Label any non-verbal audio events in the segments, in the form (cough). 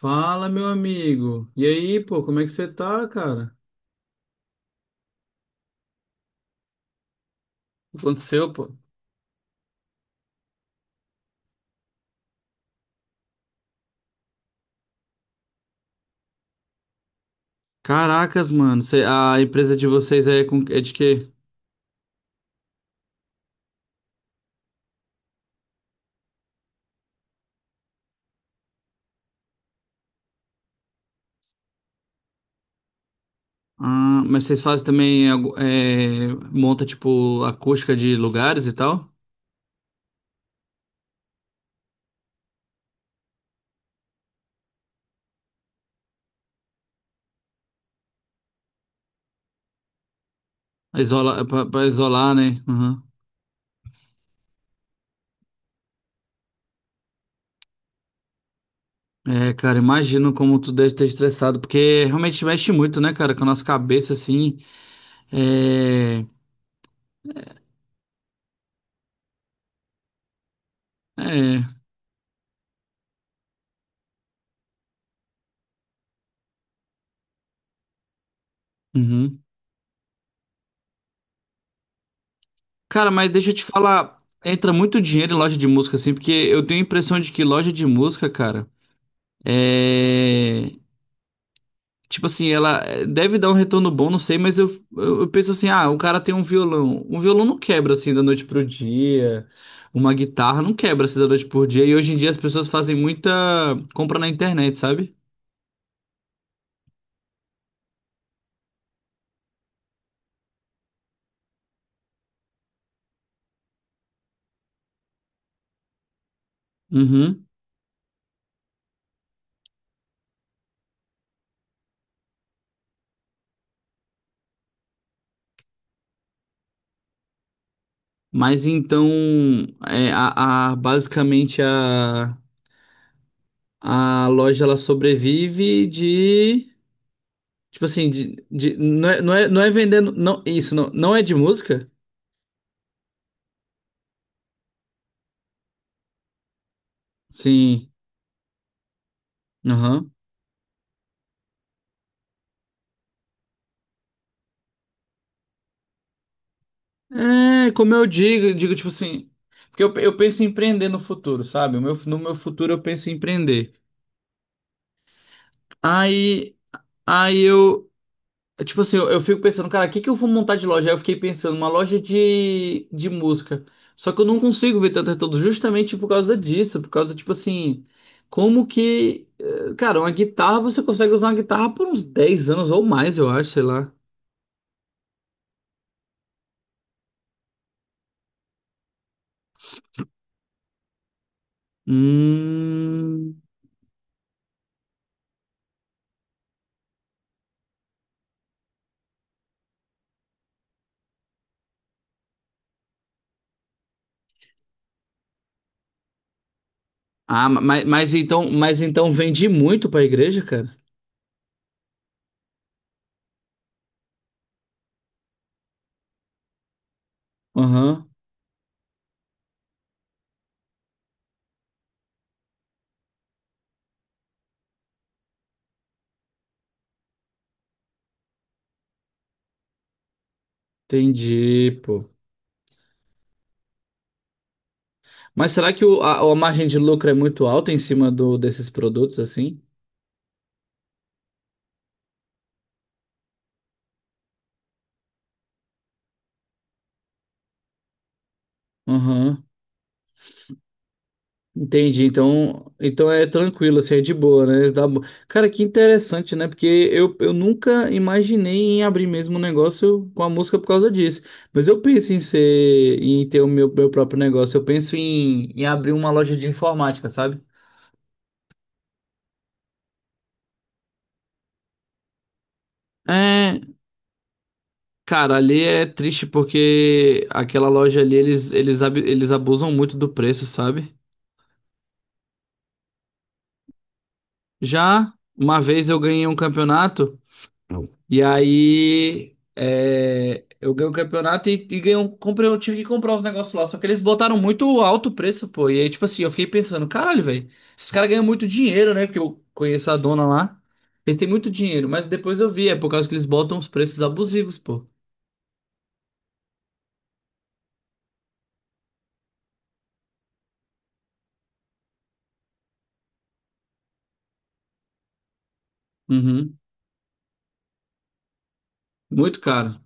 Fala, meu amigo. E aí, pô, como é que você tá, cara? O que aconteceu, pô? Caracas, mano. A empresa de vocês é de quê? Ah, mas vocês fazem também, monta, tipo, acústica de lugares e tal? Pra isolar, né? Uhum. É, cara, imagino como tu deve ter estressado, porque realmente mexe muito, né, cara, com a nossa cabeça, assim. É... É... uhum. Cara, mas deixa eu te falar, entra muito dinheiro em loja de música, assim, porque eu tenho a impressão de que loja de música, cara, é. Tipo assim, ela deve dar um retorno bom, não sei, mas eu penso assim, ah, o cara tem um violão. Um violão não quebra assim da noite pro dia. Uma guitarra não quebra assim da noite pro dia. E hoje em dia as pessoas fazem muita compra na internet, sabe? Uhum. Mas então, basicamente a loja ela sobrevive de. Tipo assim, não é vendendo. Não, isso, não, não é de música? Sim. Aham. É, como eu digo tipo assim. Porque eu penso em empreender no futuro, sabe? O meu, no meu futuro eu penso em empreender. Aí, aí eu, Tipo assim, eu fico pensando, cara, o que que eu vou montar de loja? Aí eu fiquei pensando, uma loja de música. Só que eu não consigo ver tanto retorno justamente por causa disso, por causa, tipo assim, como que. Cara, uma guitarra, você consegue usar uma guitarra por uns dez anos ou mais, eu acho, sei lá. Hum. Ah, mas então vende muito pra igreja, cara? Aham, entendi, pô. Mas será que a margem de lucro é muito alta em cima do, desses produtos assim? Aham. Entendi. Então, então é tranquilo, assim, é de boa, né? Cara, que interessante, né? Porque eu nunca imaginei em abrir mesmo um negócio com a música por causa disso. Mas eu penso em ser, em ter o meu, meu próprio negócio. Eu penso em, em abrir uma loja de informática, sabe? É, cara, ali é triste porque aquela loja ali eles abusam muito do preço, sabe? Já uma vez eu ganhei um campeonato. E aí eu ganhei o campeonato e ganhei um, comprei, eu tive que comprar os negócios lá. Só que eles botaram muito alto o preço, pô. E aí, tipo assim, eu fiquei pensando, caralho, velho, esses caras ganham muito dinheiro, né? Porque eu conheço a dona lá. Eles têm muito dinheiro, mas depois eu vi, é por causa que eles botam os preços abusivos, pô. Uhum. Muito caro.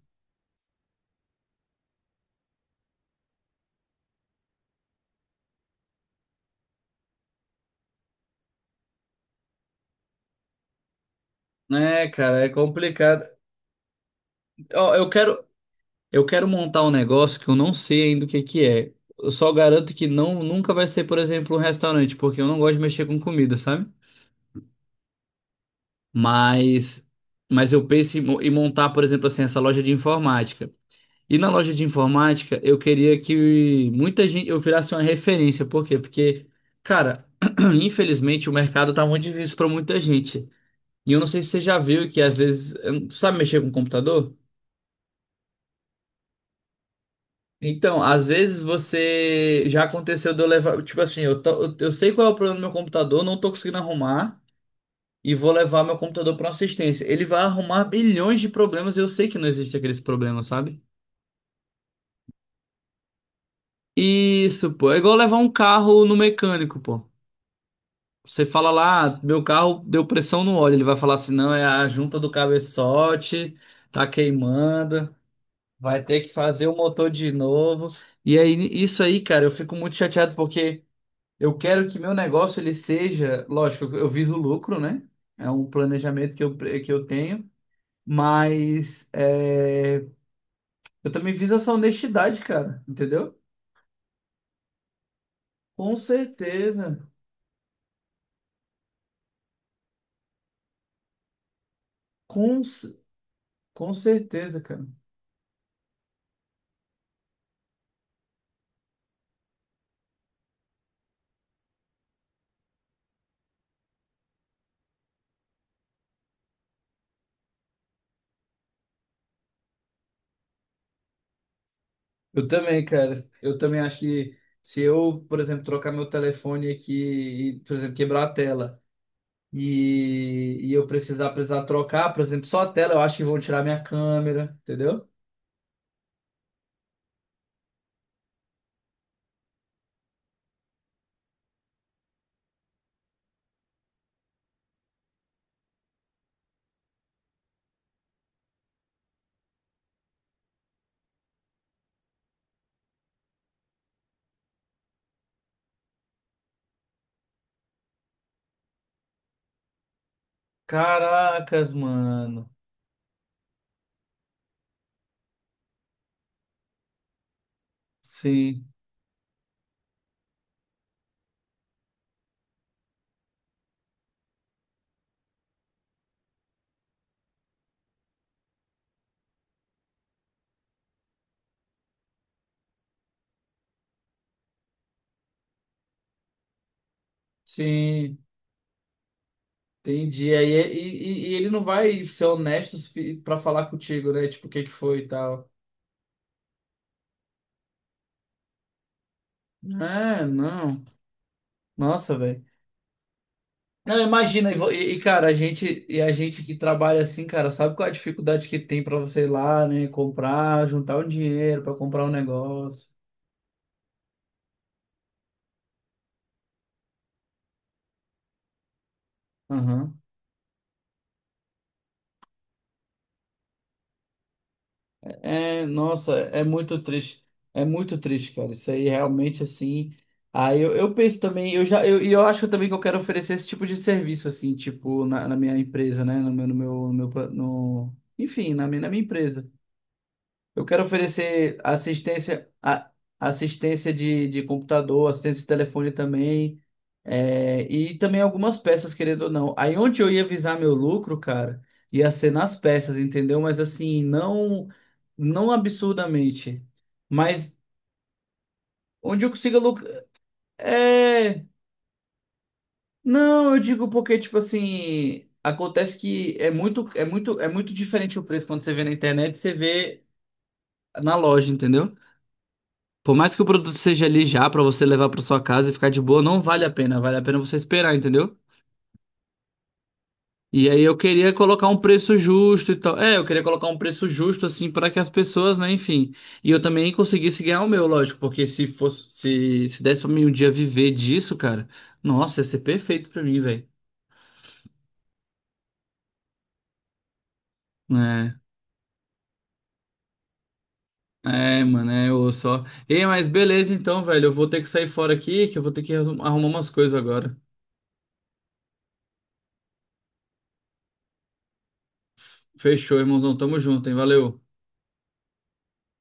É, cara, é complicado. Ó, eu quero montar um negócio que eu não sei ainda o que que é. Eu só garanto que não, nunca vai ser, por exemplo, um restaurante, porque eu não gosto de mexer com comida, sabe? Mas eu penso em, em montar, por exemplo, assim, essa loja de informática. E na loja de informática, eu queria que muita gente eu virasse uma referência, por quê? Porque, cara, (clears throat) infelizmente o mercado tá muito difícil para muita gente. E eu não sei se você já viu que às vezes, eu não- sabe mexer com computador? Então, às vezes você já aconteceu de eu levar, tipo assim, eu sei qual é o problema do meu computador, não tô conseguindo arrumar. E vou levar meu computador para uma assistência. Ele vai arrumar bilhões de problemas e eu sei que não existe aqueles problemas, sabe? Isso, pô. É igual levar um carro no mecânico, pô. Você fala lá, "Ah, meu carro deu pressão no óleo". Ele vai falar assim: não, é a junta do cabeçote, tá queimando, vai ter que fazer o motor de novo. E aí, isso aí, cara, eu fico muito chateado porque eu quero que meu negócio ele seja, lógico, eu viso lucro, né? É um planejamento que que eu tenho, mas é, eu também fiz essa honestidade, cara, entendeu? Com certeza. Com, ce- com certeza, cara. Eu também, cara. Eu também acho que se eu, por exemplo, trocar meu telefone aqui e, por exemplo, quebrar a tela e eu precisar trocar, por exemplo, só a tela, eu acho que vão tirar minha câmera, entendeu? Caracas, mano. Sim, sim. Entendi. Aí, e ele não vai ser honesto para falar contigo, né? Tipo, o que que foi e tal. É, não. Nossa, velho. Não, imagina, cara, a gente que trabalha assim, cara, sabe qual é a dificuldade que tem pra você ir lá, né, comprar, juntar o dinheiro pra comprar um negócio. Aham. É, nossa, é muito triste. É muito triste, cara. Isso aí realmente assim. Aí eu penso também, eu acho também que eu quero oferecer esse tipo de serviço assim, tipo na, na minha empresa, né, no meu no meu, no meu, pa- no- enfim, na minha empresa. Eu quero oferecer assistência, assistência de computador, assistência de telefone também, é, e também algumas peças, querendo ou não. Aí onde eu ia visar meu lucro, cara, ia ser nas peças, entendeu? Mas assim, não, não absurdamente. Mas onde eu consiga lucrar. É. Não, eu digo porque, tipo assim, acontece que é muito diferente o preço quando você vê na internet e você vê na loja, entendeu? Por mais que o produto seja ali já pra você levar pra sua casa e ficar de boa, não vale a pena. Vale a pena você esperar, entendeu? E aí eu queria colocar um preço justo e tal. É, eu queria colocar um preço justo assim pra que as pessoas, né, enfim. E eu também conseguisse ganhar o meu, lógico, porque se fosse se, se desse pra mim um dia viver disso, cara, nossa, ia ser perfeito pra mim, velho. É. É, mano, é, eu só. Ei, mas beleza então, velho. Eu vou ter que sair fora aqui, que eu vou ter que arrumar umas coisas agora. Fechou, irmãozão. Tamo junto, hein? Valeu.